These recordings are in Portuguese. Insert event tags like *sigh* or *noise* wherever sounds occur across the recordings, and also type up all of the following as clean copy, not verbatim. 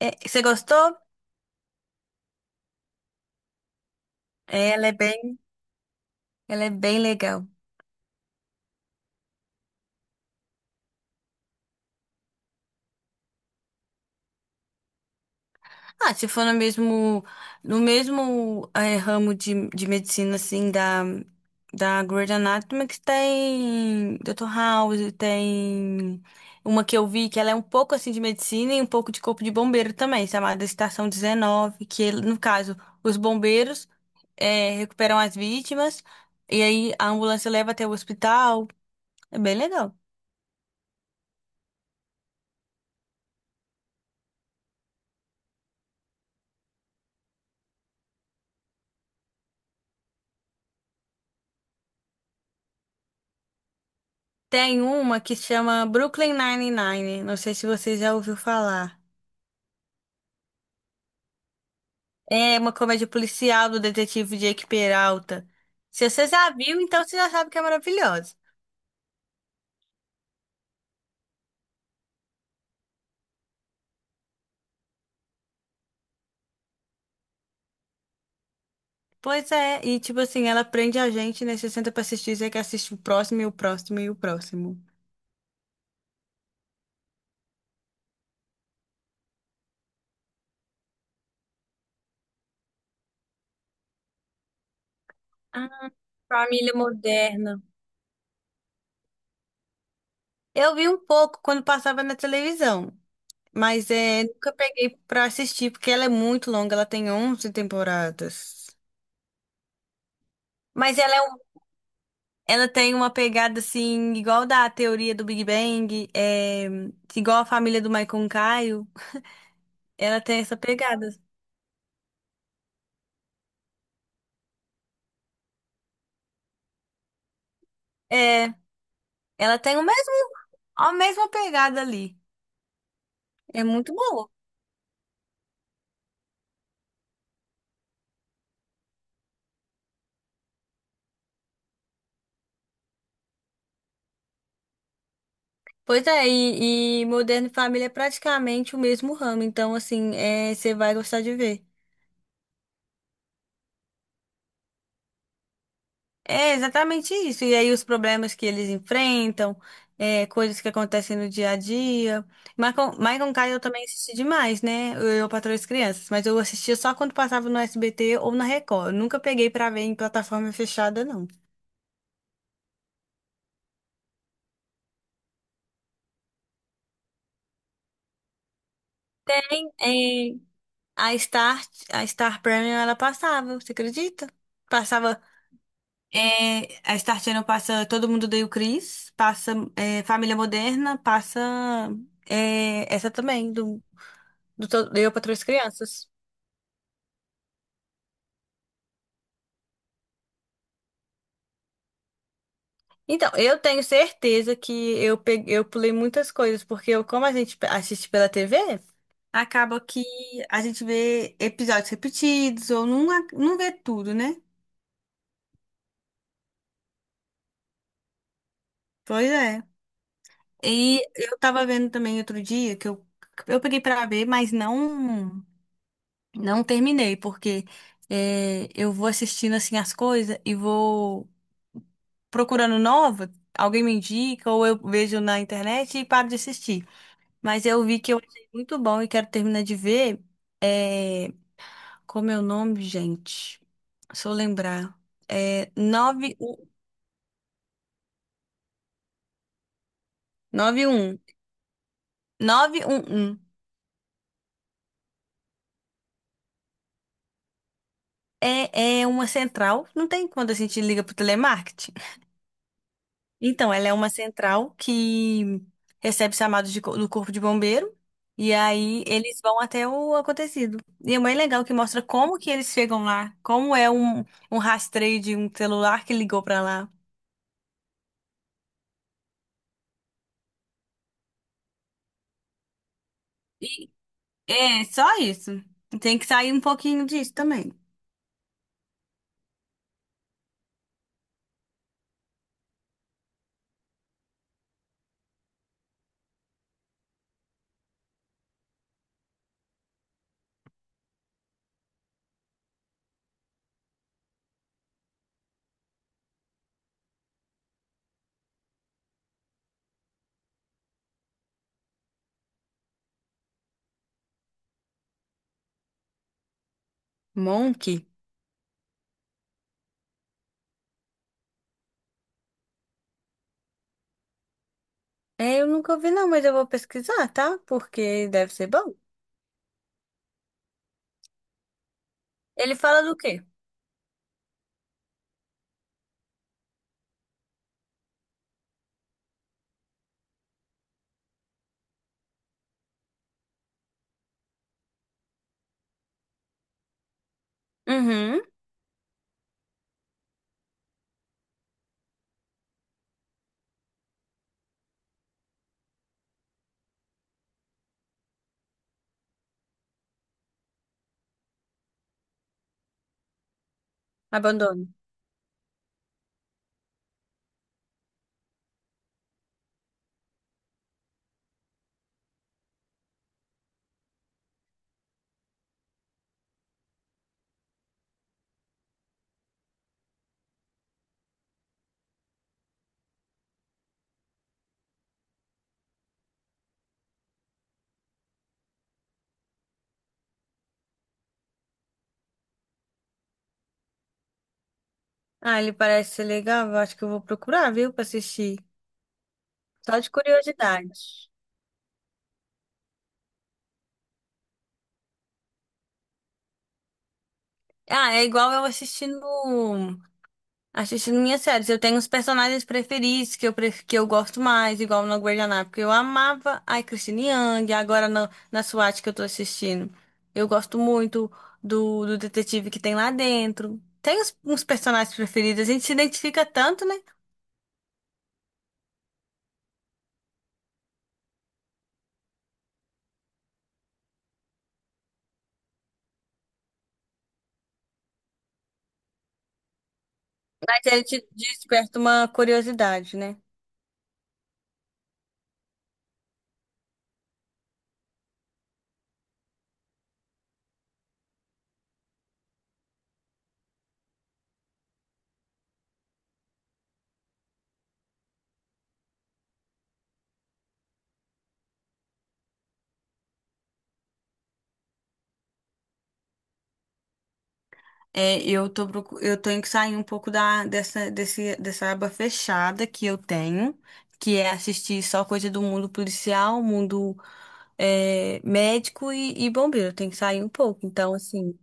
É, você gostou? É, ela é bem legal. Ah, se for no mesmo, no mesmo ramo de medicina, assim, da, da Grey's Anatomy, que tem Doutor House, tem uma que eu vi que ela é um pouco, assim, de medicina e um pouco de corpo de bombeiro também, chamada Estação 19, que, no caso, os bombeiros recuperam as vítimas e aí a ambulância leva até o hospital. É bem legal. Tem uma que chama Brooklyn Nine-Nine. Não sei se você já ouviu falar. É uma comédia policial do detetive Jake Peralta. Se você já viu, então você já sabe que é maravilhosa. Pois é, e tipo assim, ela prende a gente, né? Você senta pra assistir, você quer assistir o próximo e o próximo e o próximo. Ah, família moderna. Eu vi um pouco quando passava na televisão, mas é, nunca peguei pra assistir, porque ela é muito longa, ela tem 11 temporadas. Mas ela é ela tem uma pegada assim, igual da teoria do Big Bang, é, igual a família do Michael Caio. Ela tem essa pegada. É, ela tem o mesmo, a mesma pegada ali. É muito boa. Pois é, e Modern Family é praticamente o mesmo ramo, então assim, é, você vai gostar de ver. É exatamente isso. E aí os problemas que eles enfrentam, é, coisas que acontecem no dia a dia. Michael, Michael Caine eu também assisti demais, né? Eu Patroa e as Crianças, mas eu assistia só quando passava no SBT ou na Record. Eu nunca peguei pra ver em plataforma fechada, não. É, a Star, a Star Premium ela passava, você acredita? Passava. É, a Star Channel passa Todo Mundo Odeia o Chris, passa é, Família Moderna, passa é, essa também. Do Eu para três crianças. Então, eu tenho certeza que eu peguei, eu pulei muitas coisas, porque eu, como assiste pela TV, acaba que a gente vê episódios repetidos ou não, não vê tudo, né? Pois é. E eu tava vendo também outro dia que eu peguei pra ver, mas não terminei, porque é, eu vou assistindo assim as coisas e vou procurando nova, alguém me indica ou eu vejo na internet e paro de assistir. Mas eu vi que eu achei muito bom e quero terminar de ver. É... Como é o nome, gente? Se eu lembrar. É 91. 911. é uma central. Não tem quando a gente liga pro telemarketing. Então, ela é uma central que recebe chamados do corpo de bombeiro. E aí eles vão até o acontecido. E é bem legal que mostra como que eles chegam lá, como é um, um rastreio de um celular que ligou pra lá. É, só isso. Tem que sair um pouquinho disso também. Monk? É, eu nunca ouvi não, mas eu vou pesquisar, tá? Porque deve ser bom. Ele fala do quê? Uhum. Abandono. Ah, ele parece ser legal. Eu acho que eu vou procurar, viu, pra assistir. Só de curiosidade. Ah, é igual eu assistindo. Assistindo minhas séries, eu tenho os personagens preferidos que que eu gosto mais, igual no Guardanapo, que eu amava a Christine Yang, agora na SWAT que eu tô assistindo. Eu gosto muito do detetive que tem lá dentro. Tem uns, uns personagens preferidos, a gente se identifica tanto, né? Mas a gente desperta uma curiosidade, né? É, eu tenho que sair um pouco dessa aba fechada que eu tenho, que é assistir só coisa do mundo policial, mundo é, médico e bombeiro. Eu tenho que sair um pouco. Então, assim.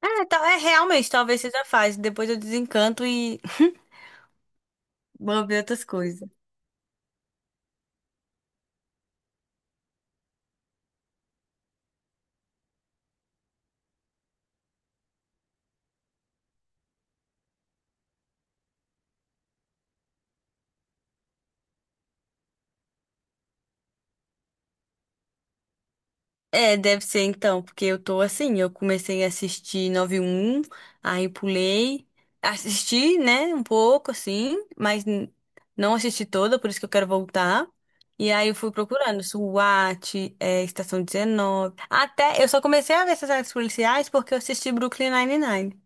É, é realmente, talvez seja fácil. Depois eu desencanto e *laughs* vou ver outras coisas. É, deve ser então, porque eu tô assim, eu comecei a assistir Nove aí pulei, assisti, né, um pouco assim, não assisti toda, por isso que eu quero voltar. E aí eu fui procurando SWAT, é, Estação 19. Até eu só comecei a ver essas séries policiais porque eu assisti Brooklyn Nine-Nine.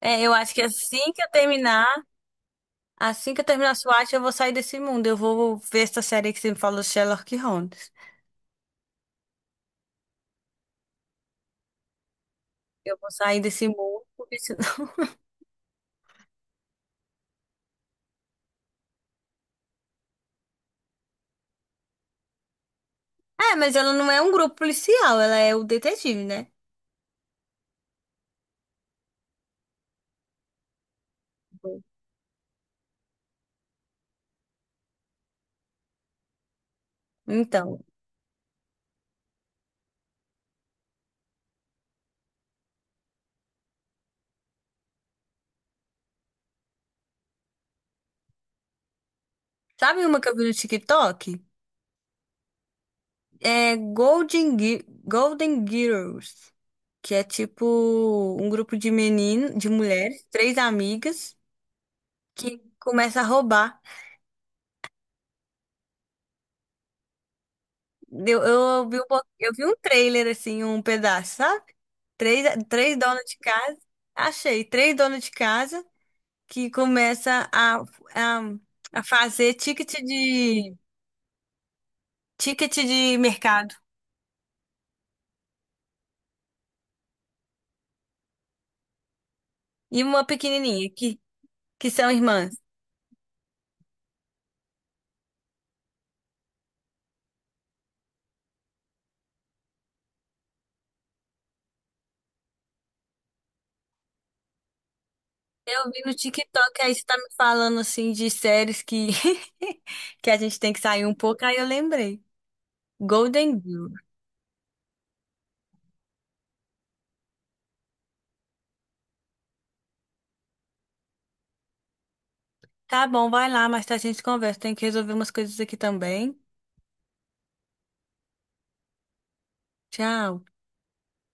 É, eu acho que assim que eu terminar, assim que eu terminar SWAT, eu vou sair desse mundo. Eu vou ver essa série que você me falou, Sherlock Holmes. Eu vou sair desse mundo, porque senão é, mas ela não é um grupo policial, ela é o detetive, né? Então, sabe uma que eu vi no TikTok? É Golden Girls, que é tipo um grupo de meninas, de mulheres, três amigas, que começa a roubar. Eu vi um, eu vi um trailer, assim, um pedaço, sabe? Três donas de casa, achei, três donas de casa que começa a, a fazer ticket de mercado. E uma pequenininha, que são irmãs. Eu vi no TikTok, aí você tá me falando, assim, de séries que, *laughs* que a gente tem que sair um pouco, aí eu lembrei. Golden Girl. Tá bom, vai lá, mas a gente conversa. Tem que resolver umas coisas aqui também. Tchau.